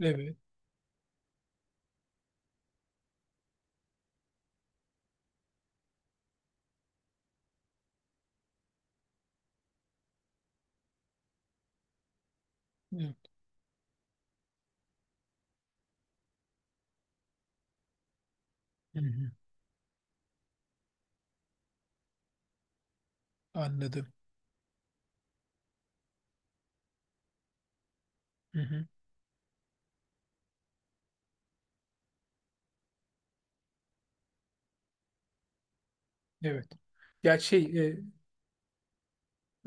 Evet. Evet. Hı hı. Anladım. Hı hı. Evet. Ya şey e,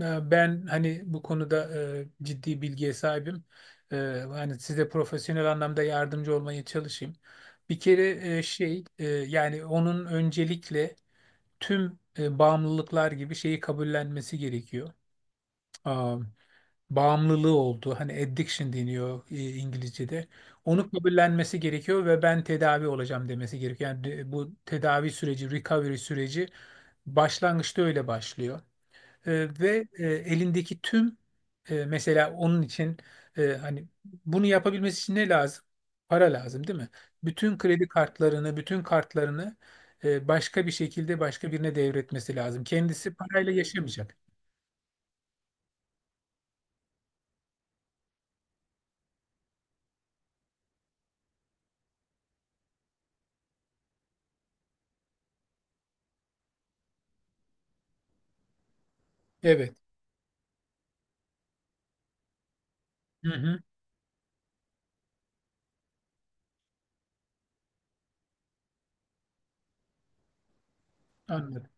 e, ben hani bu konuda ciddi bilgiye sahibim. E, hani size profesyonel anlamda yardımcı olmaya çalışayım. Bir kere yani onun öncelikle tüm bağımlılıklar gibi şeyi kabullenmesi gerekiyor. Bağımlılığı oldu. Hani addiction deniyor, İngilizce'de. Onu kabullenmesi gerekiyor ve ben tedavi olacağım demesi gerekiyor. Yani bu tedavi süreci, recovery süreci başlangıçta öyle başlıyor. E, ve e, elindeki tüm e, Mesela onun için, hani bunu yapabilmesi için ne lazım? Para lazım, değil mi? Bütün kredi kartlarını, bütün kartlarını başka bir şekilde başka birine devretmesi lazım. Kendisi parayla yaşamayacak. Evet. Hı hı, anladım.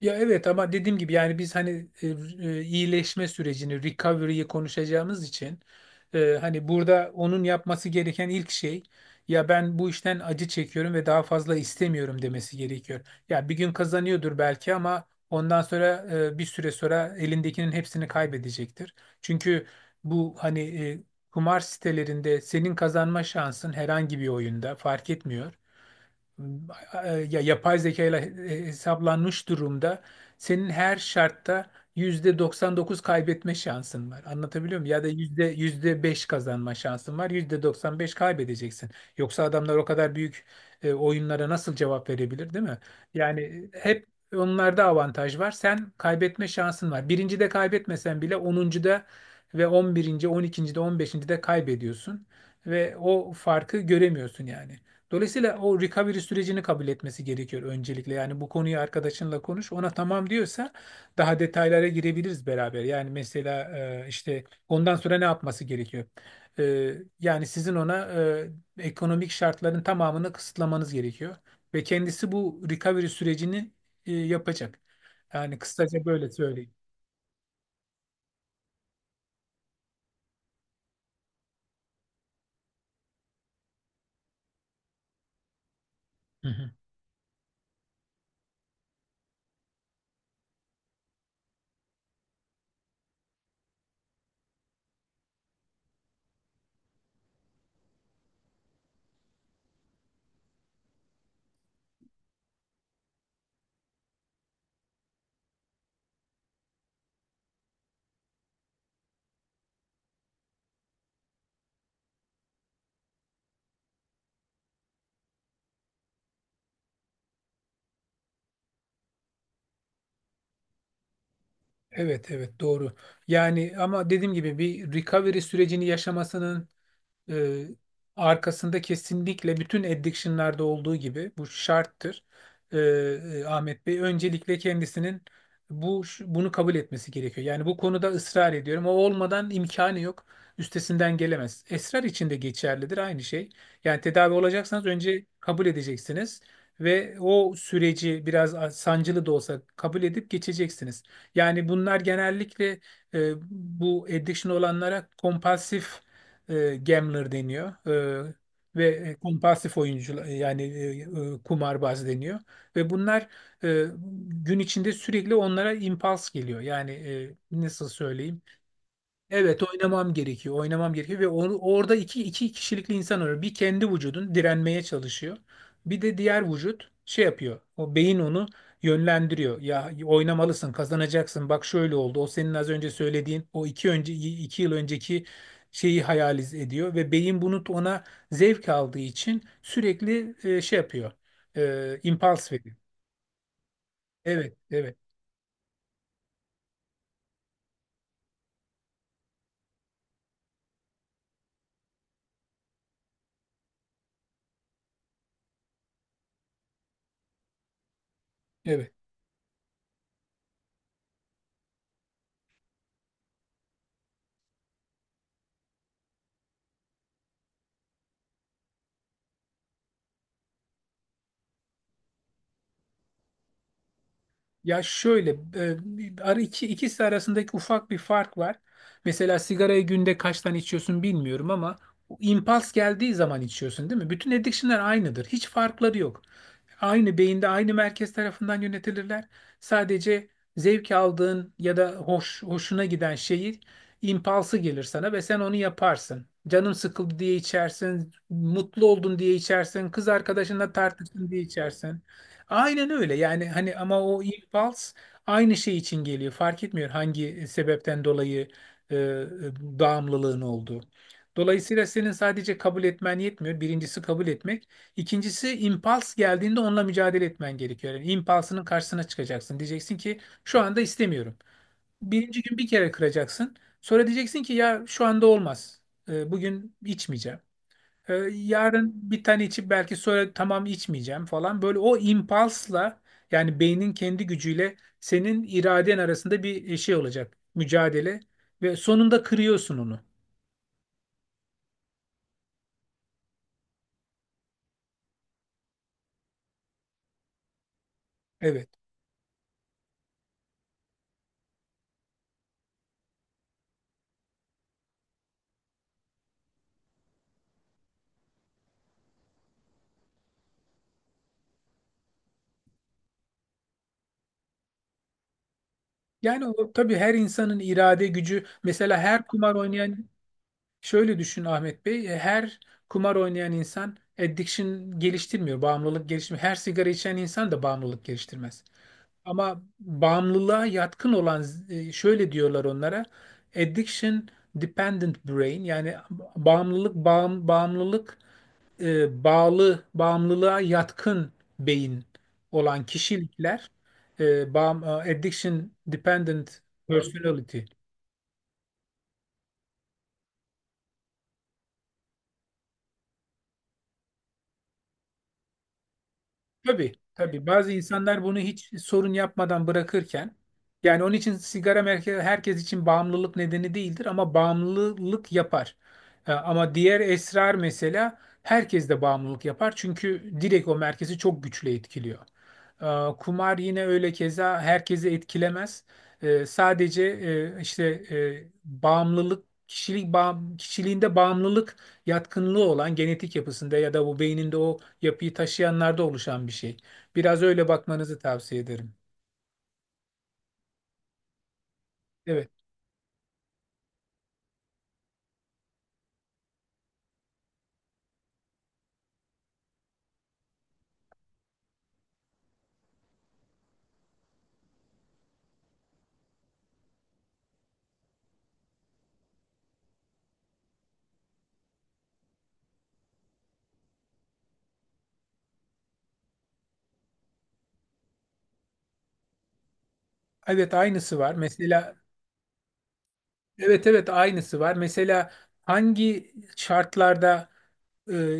Ya evet, ama dediğim gibi yani biz hani iyileşme sürecini, recovery'yi konuşacağımız için hani burada onun yapması gereken ilk şey, ya ben bu işten acı çekiyorum ve daha fazla istemiyorum demesi gerekiyor. Ya bir gün kazanıyordur belki, ama ondan sonra bir süre sonra elindekinin hepsini kaybedecektir. Çünkü bu hani kumar sitelerinde senin kazanma şansın herhangi bir oyunda fark etmiyor, ya yapay zeka ile hesaplanmış durumda, senin her şartta %99 kaybetme şansın var. Anlatabiliyor muyum? Ya da yüzde 5 kazanma şansın var. %95 kaybedeceksin. Yoksa adamlar o kadar büyük oyunlara nasıl cevap verebilir, değil mi? Yani hep onlarda avantaj var. Sen, kaybetme şansın var. Birinci de kaybetmesen bile onuncu da ve on birinci, on ikinci de, on beşinci de kaybediyorsun ve o farkı göremiyorsun yani. Dolayısıyla o recovery sürecini kabul etmesi gerekiyor öncelikle. Yani bu konuyu arkadaşınla konuş. Ona tamam diyorsa daha detaylara girebiliriz beraber. Yani mesela işte ondan sonra ne yapması gerekiyor? Yani sizin ona ekonomik şartların tamamını kısıtlamanız gerekiyor. Ve kendisi bu recovery sürecini yapacak. Yani kısaca böyle söyleyeyim. Hı hı. Evet, evet, doğru. Yani ama dediğim gibi bir recovery sürecini yaşamasının e, arkasında, kesinlikle bütün addiction'larda olduğu gibi, bu şarttır. Ahmet Bey, öncelikle kendisinin bu bunu kabul etmesi gerekiyor. Yani bu konuda ısrar ediyorum. O olmadan imkanı yok. Üstesinden gelemez. Esrar için de geçerlidir aynı şey. Yani tedavi olacaksanız önce kabul edeceksiniz ve o süreci biraz sancılı da olsa kabul edip geçeceksiniz. Yani bunlar, genellikle bu addiction olanlara kompulsif gambler deniyor, e, ve kompulsif oyuncular, yani kumarbaz deniyor, ve bunlar e, gün içinde sürekli onlara impuls geliyor. Yani nasıl söyleyeyim? Evet, oynamam gerekiyor. Oynamam gerekiyor ve onu, orada iki kişilikli insan var. Bir, kendi vücudun direnmeye çalışıyor. Bir de diğer vücut şey yapıyor. O beyin onu yönlendiriyor. Ya oynamalısın, kazanacaksın. Bak şöyle oldu. O senin az önce söylediğin o iki yıl önceki şeyi hayal ediyor ve beyin, bunu ona zevk aldığı için sürekli şey yapıyor. Impulse veriyor. Evet, evet, evet. Ya şöyle, ikisi arasındaki ufak bir fark var. Mesela sigarayı günde kaç tane içiyorsun bilmiyorum, ama o impuls geldiği zaman içiyorsun değil mi? Bütün addiction'lar aynıdır. Hiç farkları yok. Aynı beyinde, aynı merkez tarafından yönetilirler. Sadece zevk aldığın ya da hoşuna giden şeyi, impulsu gelir sana ve sen onu yaparsın. Canın sıkıldı diye içersin, mutlu oldun diye içersin, kız arkadaşınla tartıştın diye içersin. Aynen öyle, yani hani ama o impuls aynı şey için geliyor. Fark etmiyor hangi sebepten dolayı bağımlılığın olduğu. Dolayısıyla senin sadece kabul etmen yetmiyor. Birincisi, kabul etmek. İkincisi, impuls geldiğinde onunla mücadele etmen gerekiyor. Yani impulsının karşısına çıkacaksın. Diyeceksin ki şu anda istemiyorum. Birinci gün bir kere kıracaksın. Sonra diyeceksin ki ya şu anda olmaz. Bugün içmeyeceğim. Yarın bir tane içip, belki sonra tamam içmeyeceğim falan. Böyle o impulsla, yani beynin kendi gücüyle senin iraden arasında bir şey olacak. Mücadele, ve sonunda kırıyorsun onu. Evet. Yani o, tabii her insanın irade gücü, mesela her kumar oynayan şöyle düşün Ahmet Bey, her kumar oynayan insan addiction geliştirmiyor, bağımlılık geliştirmiyor. Her sigara içen insan da bağımlılık geliştirmez. Ama bağımlılığa yatkın olan, şöyle diyorlar onlara, addiction dependent brain, yani bağımlılık e, bağlı bağımlılığa yatkın beyin olan kişilikler, addiction dependent personality. Tabii, tabii. Bazı insanlar bunu hiç sorun yapmadan bırakırken, yani onun için sigara herkes için bağımlılık nedeni değildir, ama bağımlılık yapar. Ama diğer, esrar mesela, herkes de bağımlılık yapar çünkü direkt o merkezi çok güçlü etkiliyor. Kumar yine öyle, keza herkesi etkilemez. Sadece işte kişiliğinde bağımlılık yatkınlığı olan, genetik yapısında ya da bu beyninde o yapıyı taşıyanlarda oluşan bir şey. Biraz öyle bakmanızı tavsiye ederim. Evet. Evet, aynısı var. Mesela. Evet, evet, aynısı var. Mesela hangi şartlarda e,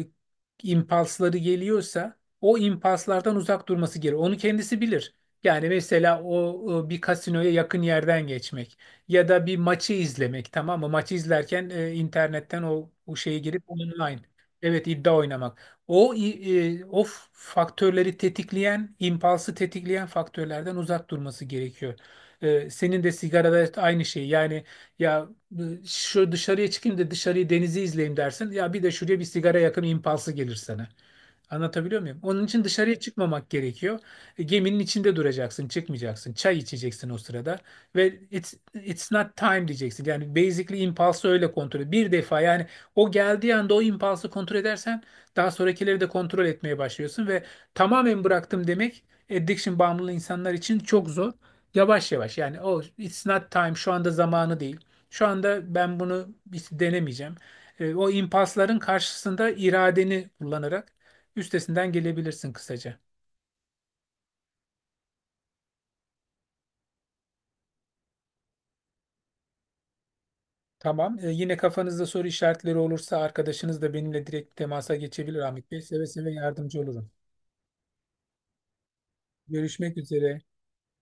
impulsları geliyorsa o impulslardan uzak durması gerekir. Onu kendisi bilir. Yani mesela o bir kasinoya yakın yerden geçmek, ya da bir maçı izlemek, tamam mı? Maçı izlerken internetten o şeye girip online, evet, iddia oynamak. O faktörleri tetikleyen, impulsu tetikleyen faktörlerden uzak durması gerekiyor. Senin de sigarada aynı şey. Yani, ya şu dışarıya çıkayım da dışarıyı, denizi izleyeyim dersin. Ya bir de şuraya bir sigara yakın impulsu gelir sana. Anlatabiliyor muyum? Onun için dışarıya çıkmamak gerekiyor. Geminin içinde duracaksın, çıkmayacaksın. Çay içeceksin o sırada ve it's not time diyeceksin. Yani basically impulsu öyle kontrol et. Bir defa yani o geldiği anda o impulsu kontrol edersen, daha sonrakileri de kontrol etmeye başlıyorsun ve tamamen bıraktım demek addiction bağımlı insanlar için çok zor. Yavaş yavaş, yani o it's not time, şu anda zamanı değil. Şu anda ben bunu hiç denemeyeceğim. O impasların karşısında iradeni kullanarak üstesinden gelebilirsin kısaca. Tamam. Yine kafanızda soru işaretleri olursa arkadaşınız da benimle direkt temasa geçebilir Ahmet Bey. Seve seve yardımcı olurum. Görüşmek üzere.